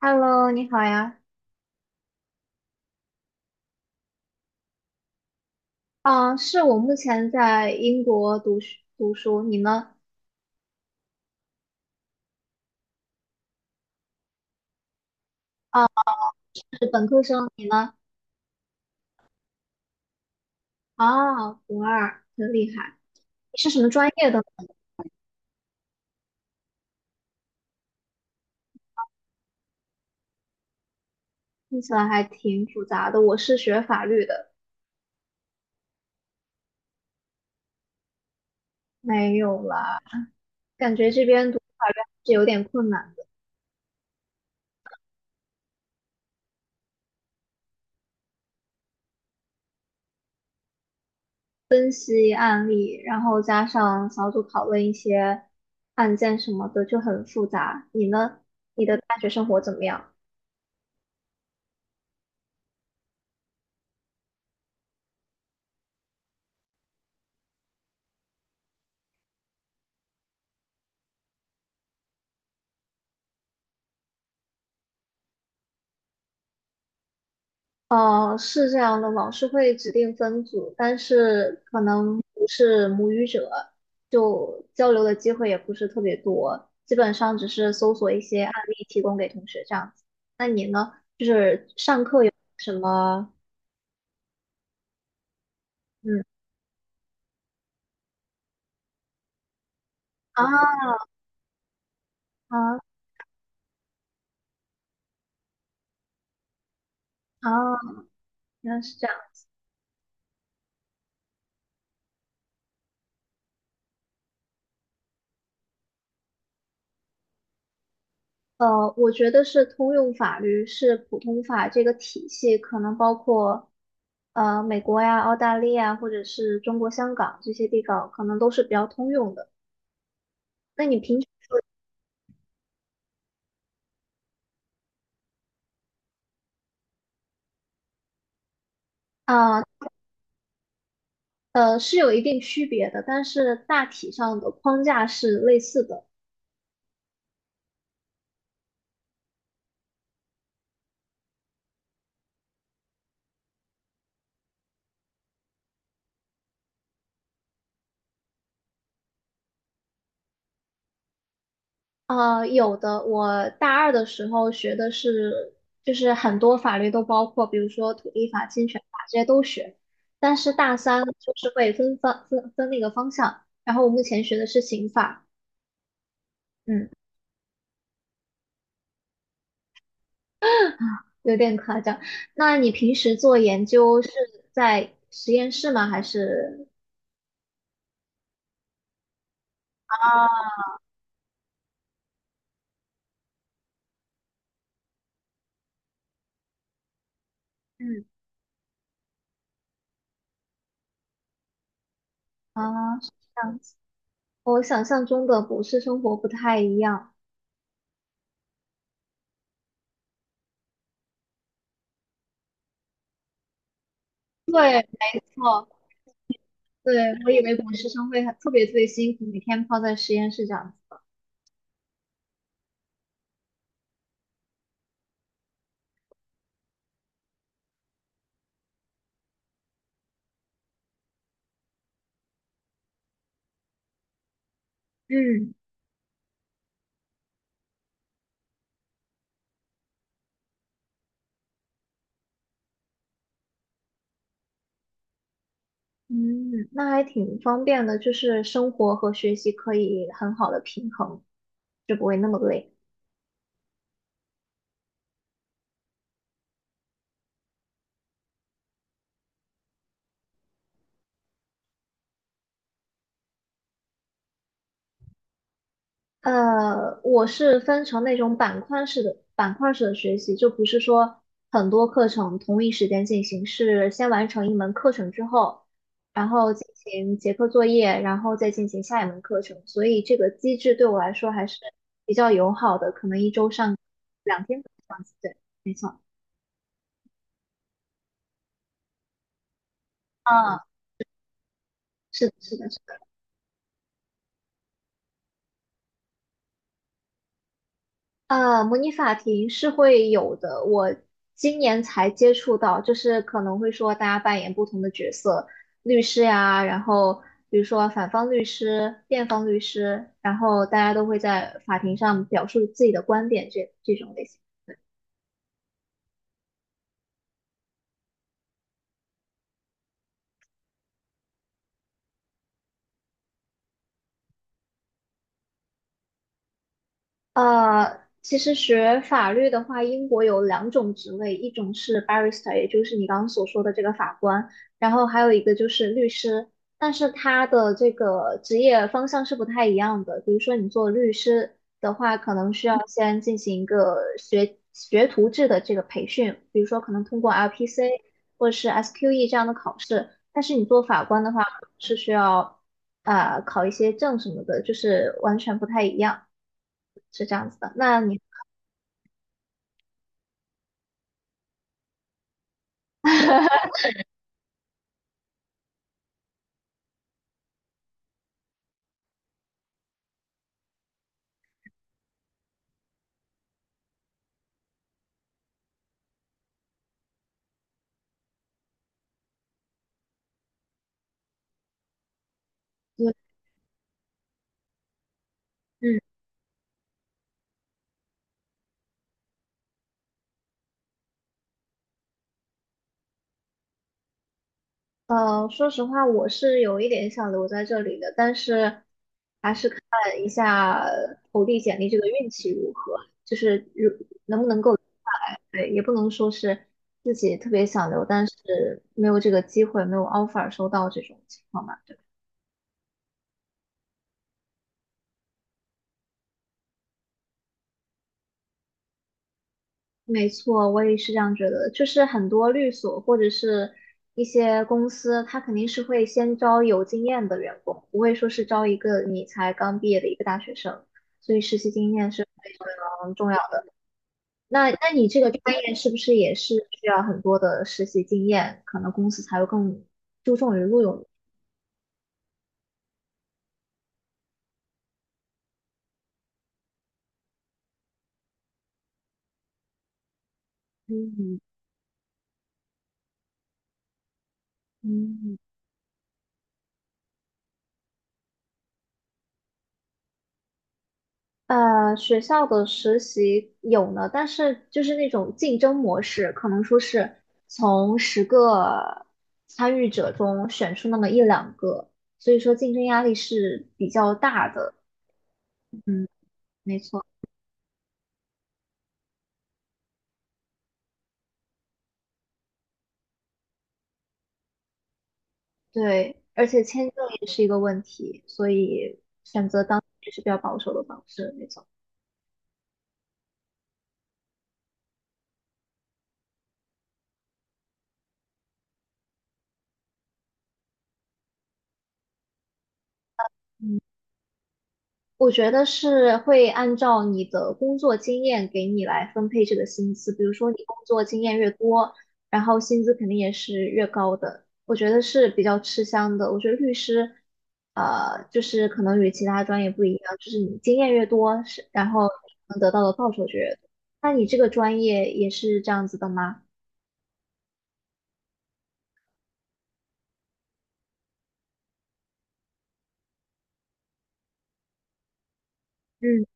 Hello，你好呀。嗯，是我目前在英国读书，你呢？是本科生，你呢？啊，博二，很厉害。你是什么专业的呢？听起来还挺复杂的。我是学法律的，没有啦，感觉这边读法律还是有点困难的，分析案例，然后加上小组讨论一些案件什么的，就很复杂。你呢？你的大学生活怎么样？哦，是这样的，老师会指定分组，但是可能不是母语者，就交流的机会也不是特别多，基本上只是搜索一些案例提供给同学这样子。那你呢？就是上课有什么？嗯，啊啊啊，原来是这样。我觉得是通用法律，是普通法这个体系，可能包括美国呀、澳大利亚或者是中国香港这些地方，可能都是比较通用的。那你平啊呃，是有一定区别的，但是大体上的框架是类似的。有的我大二的时候学的是，就是很多法律都包括，比如说土地法、侵权法这些都学，但是大三就是会分那个方向。然后我目前学的是刑法，嗯，有点夸张。那你平时做研究是在实验室吗？还是嗯啊？是这样。是和我想象中的博士生活不太一样。对，没错，对，我以为博士生会很特别特别辛苦，每天泡在实验室这样子。嗯，嗯，那还挺方便的，就是生活和学习可以很好的平衡，就不会那么累。我是分成那种板块式的学习，就不是说很多课程同一时间进行，是先完成一门课程之后，然后进行结课作业，然后再进行下一门课程。所以这个机制对我来说还是比较友好的，可能一周上2天课这样子。对，啊，是的，是的。模拟法庭是会有的，我今年才接触到，就是可能会说大家扮演不同的角色，律师呀，然后比如说反方律师、辩方律师，然后大家都会在法庭上表述自己的观点这种类型。其实学法律的话，英国有两种职位，一种是 barrister，也就是你刚刚所说的这个法官，然后还有一个就是律师，但是他的这个职业方向是不太一样的。比如说你做律师的话，可能需要先进行一个学徒制的这个培训，比如说可能通过 LPC 或者是 SQE 这样的考试，但是你做法官的话是需要啊考一些证什么的，就是完全不太一样。是这样子的。那你就嗯呃，说实话，我是有一点想留在这里的，但是还是看一下投递简历这个运气如何，就是能不能够留下来。对，也不能说是自己特别想留，但是没有这个机会，没有 offer 收到这种情况吧。没错，我也是这样觉得。就是很多律所或者是一些公司，它肯定是会先招有经验的员工，不会说是招一个你才刚毕业的一个大学生。所以实习经验是非常重要的。那你这个专业是不是也是需要很多的实习经验？可能公司才会更注重于录用你。嗯嗯，学校的实习有呢，但是就是那种竞争模式，可能说是从10个参与者中选出那么一两个，所以说竞争压力是比较大的。嗯，没错，对，而且签证也是一个问题，所以选择当也是比较保守的方式，没错。嗯，我觉得是会按照你的工作经验给你来分配这个薪资，比如说你工作经验越多，然后薪资肯定也是越高的。我觉得是比较吃香的。我觉得律师，就是可能与其他专业不一样，就是你经验越多，是然后你能得到的报酬就越多。那你这个专业也是这样子的吗？嗯，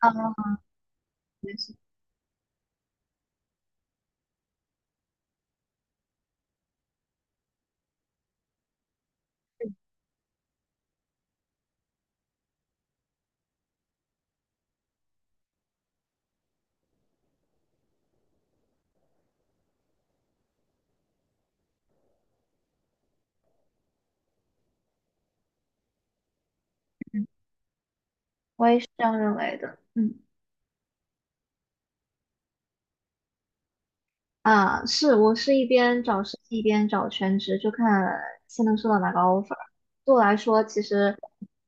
啊，我也是这样认为的。嗯。啊，是，我是一边找实习一边找全职，就看先能收到哪个 offer。对我来说，其实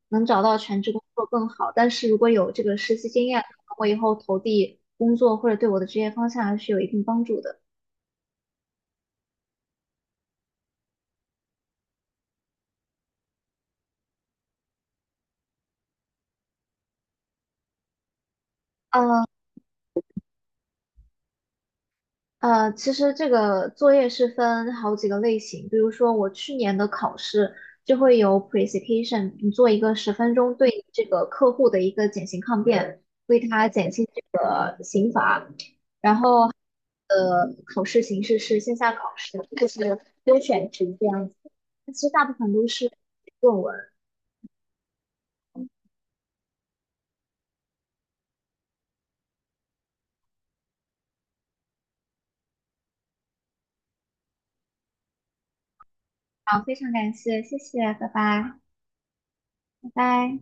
能找到全职工作更好，但是如果有这个实习经验，我以后投递工作或者对我的职业方向还是有一定帮助的。呃，其实这个作业是分好几个类型，比如说我去年的考试就会有 presentation，你做一个10分钟对这个客户的一个减刑抗辩，为他减轻这个刑罚。然后，考试形式是线下考试，就是优选题这样子。但其实大部分都是论文。好，非常感谢，谢谢，拜拜，拜拜。